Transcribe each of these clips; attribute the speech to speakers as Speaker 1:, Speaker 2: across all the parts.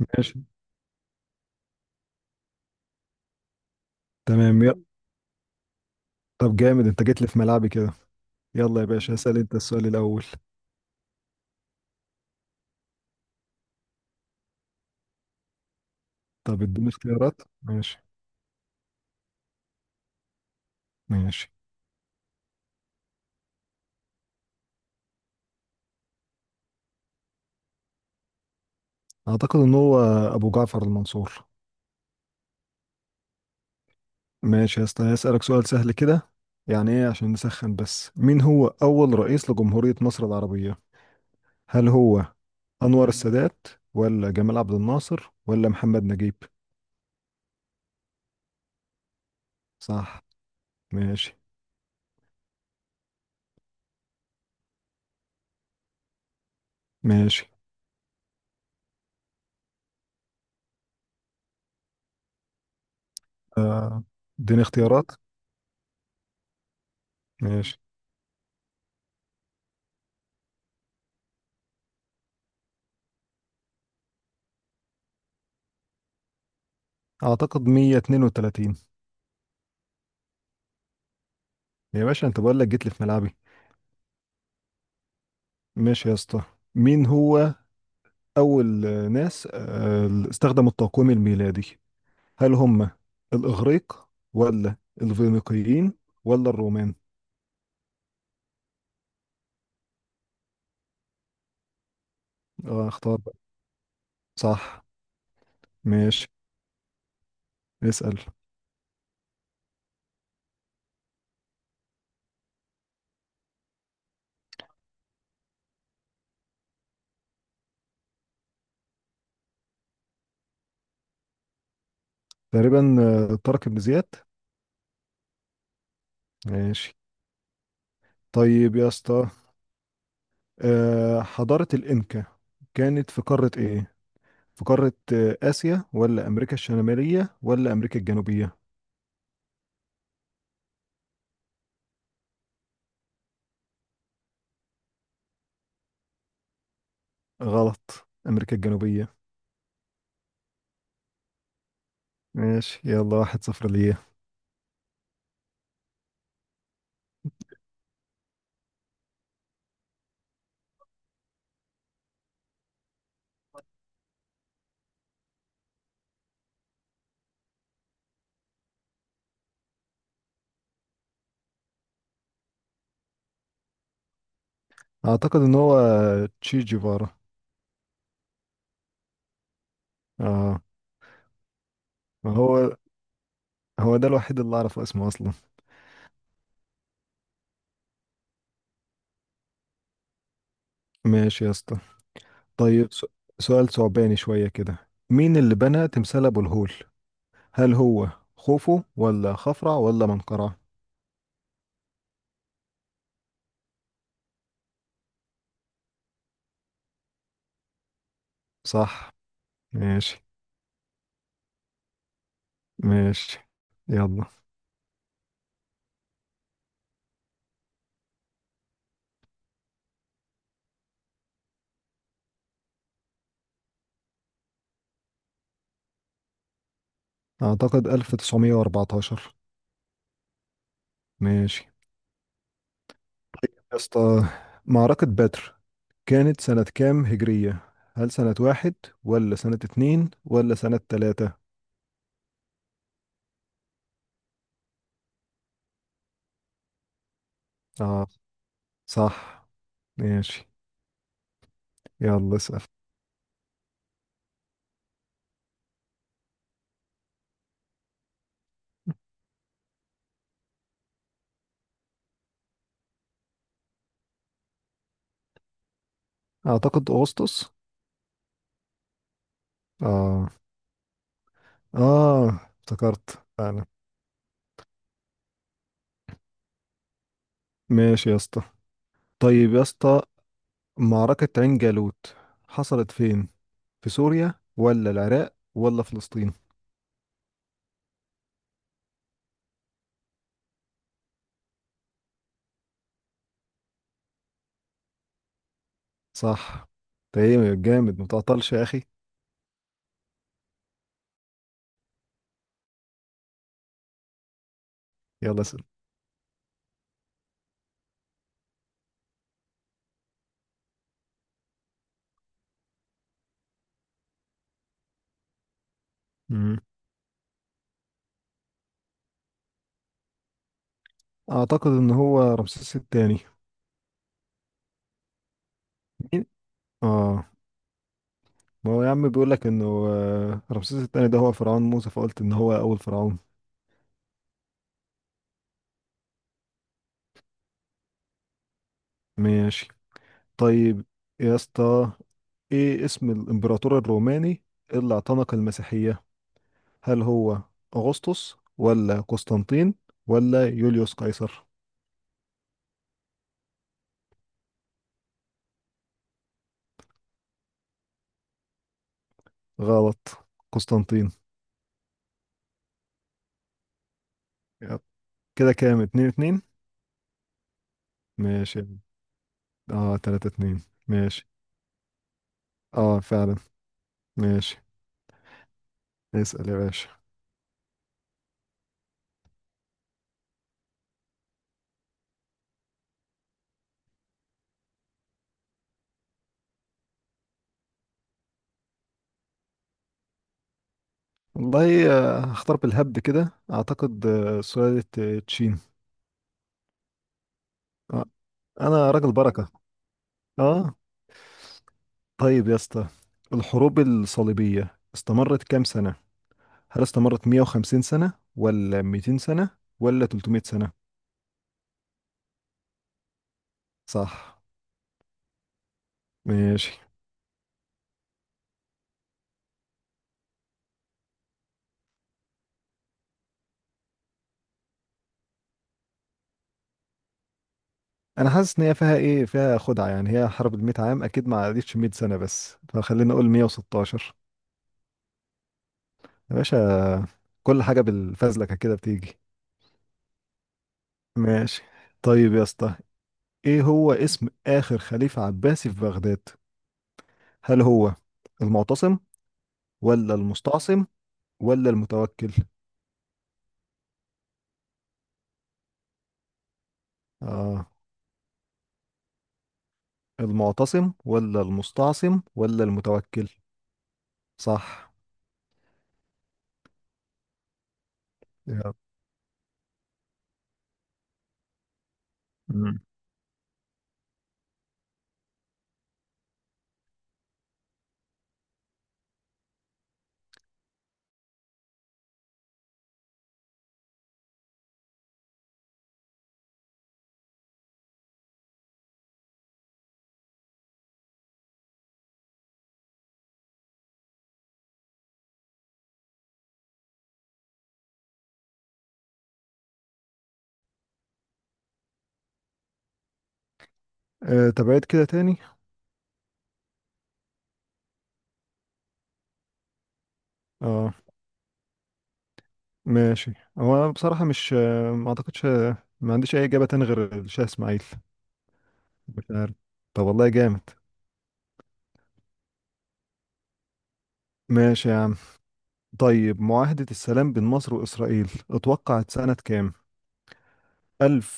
Speaker 1: ماشي. تمام، يلا. طب جامد انت جيت لي في ملعبي كده. يلا يا باشا اسأل انت السؤال الأول. طب اديني اختيارات. ماشي ماشي. اعتقد ان هو ابو جعفر المنصور. ماشي يا اسطى، هسألك سؤال سهل كده، يعني ايه عشان نسخن بس. مين هو أول رئيس لجمهورية مصر العربية؟ هل هو أنور السادات ولا جمال عبد الناصر ولا محمد نجيب؟ صح. ماشي ماشي. آه، اديني اختيارات. ماشي. اعتقد 132. يا باشا انت بقول لك جيت لي في ملعبي. ماشي يا اسطى. مين هو أول ناس استخدموا التقويم الميلادي؟ هل هم الإغريق ولا الفينيقيين ولا الرومان؟ اه، اختار بقى. صح. ماشي. اسأل. تقريبا طارق بن زياد. ماشي. طيب يا اسطى، حضارة الإنكا كانت في قارة إيه؟ في قارة آسيا ولا أمريكا الشمالية ولا أمريكا الجنوبية؟ غلط، أمريكا الجنوبية. ماشي يلا، واحد صفر ليا. اعتقد ان هو تشي جيفارا. اه. هو هو ده الوحيد اللي اعرف اسمه اصلا. ماشي يا اسطى. طيب سؤال ثعباني شوية كده. مين اللي بنى تمثال ابو الهول؟ هل هو خوفو ولا خفرع ولا منقرع؟ صح. ماشي. ماشي يلا. اعتقد 1914. ماشي يا اسطى. معركة بدر كانت سنة كام هجرية؟ هل سنة واحد ولا سنة اتنين ولا سنة تلاتة؟ اه. صح. ماشي. يلا اسأل. أعتقد أغسطس. آه، آه، افتكرت فعلا. ماشي يا اسطى. طيب يا اسطى، معركة عين جالوت حصلت فين؟ في سوريا ولا العراق ولا فلسطين؟ صح. تمام، جامد متعطلش يا أخي. يلا اسأل. مم. أعتقد إن هو رمسيس التاني. مين؟ آه. ما هو يا عم بيقول لك إنه رمسيس التاني ده هو فرعون موسى، فقلت إن هو أول فرعون. ماشي. طيب يا اسطى، ايه اسم الامبراطور الروماني اللي اعتنق المسيحية؟ هل هو اغسطس ولا قسطنطين ولا يوليوس قيصر؟ غلط، قسطنطين. يب. كده كام؟ اتنين اتنين. ماشي. اه، تلاتة اتنين. ماشي. اه فعلا. ماشي. اسأل يا باشا. والله هختار بالهبد كده، اعتقد سلالة تشين. آه. انا راجل بركة. اه. طيب يا اسطى، الحروب الصليبية استمرت كام سنة؟ هل استمرت 150 سنة ولا 200 سنة ولا 300 سنة؟ صح. ماشي. انا حاسس ان هي فيها ايه، فيها خدعة، يعني هي حرب ال 100 عام اكيد ما عدتش 100 سنة، بس فخلينا نقول 116. يا باشا، كل حاجة بالفزلكة كده بتيجي. ماشي. طيب يا اسطى، ايه هو اسم اخر خليفة عباسي في بغداد؟ هل هو المعتصم ولا المستعصم ولا المتوكل؟ اه، المعتصم ولا المستعصم ولا المتوكل؟ صح. مم. طب عيد كده تاني. اه. ماشي. هو انا بصراحة مش ما اعتقدش، ما عنديش اي اجابة تاني غير الشاه اسماعيل. مش عارف. طب والله جامد. ماشي يا عم. طيب معاهدة السلام بين مصر وإسرائيل اتوقعت سنة كام؟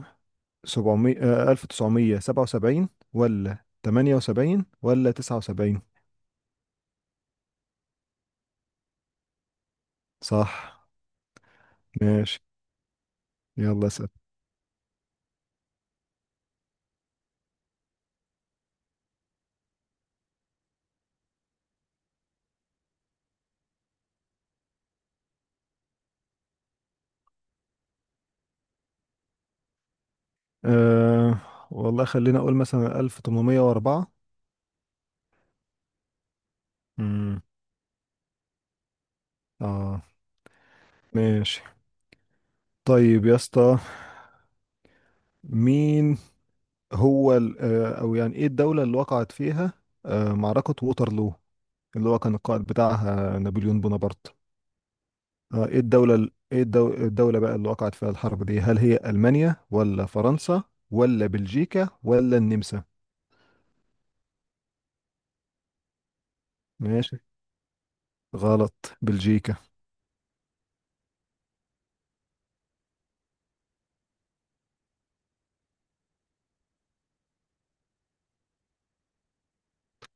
Speaker 1: 1700 آه، 1977 ولا 78 ولا 79؟ صح. ماشي. يلا اسأل. أه والله خلينا أقول مثلا 1804. امم. اه. ماشي. طيب يا اسطى، مين هو او يعني ايه الدولة اللي وقعت فيها معركة ووترلو اللي هو كان القائد بتاعها نابليون بونابرت؟ ايه الدولة ال- ايه الدو- الدولة بقى اللي وقعت فيها الحرب دي؟ هل هي ألمانيا ولا فرنسا ولا بلجيكا ولا النمسا؟ ماشي. غلط، بلجيكا.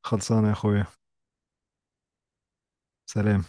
Speaker 1: خلصانة يا اخويا. سلام.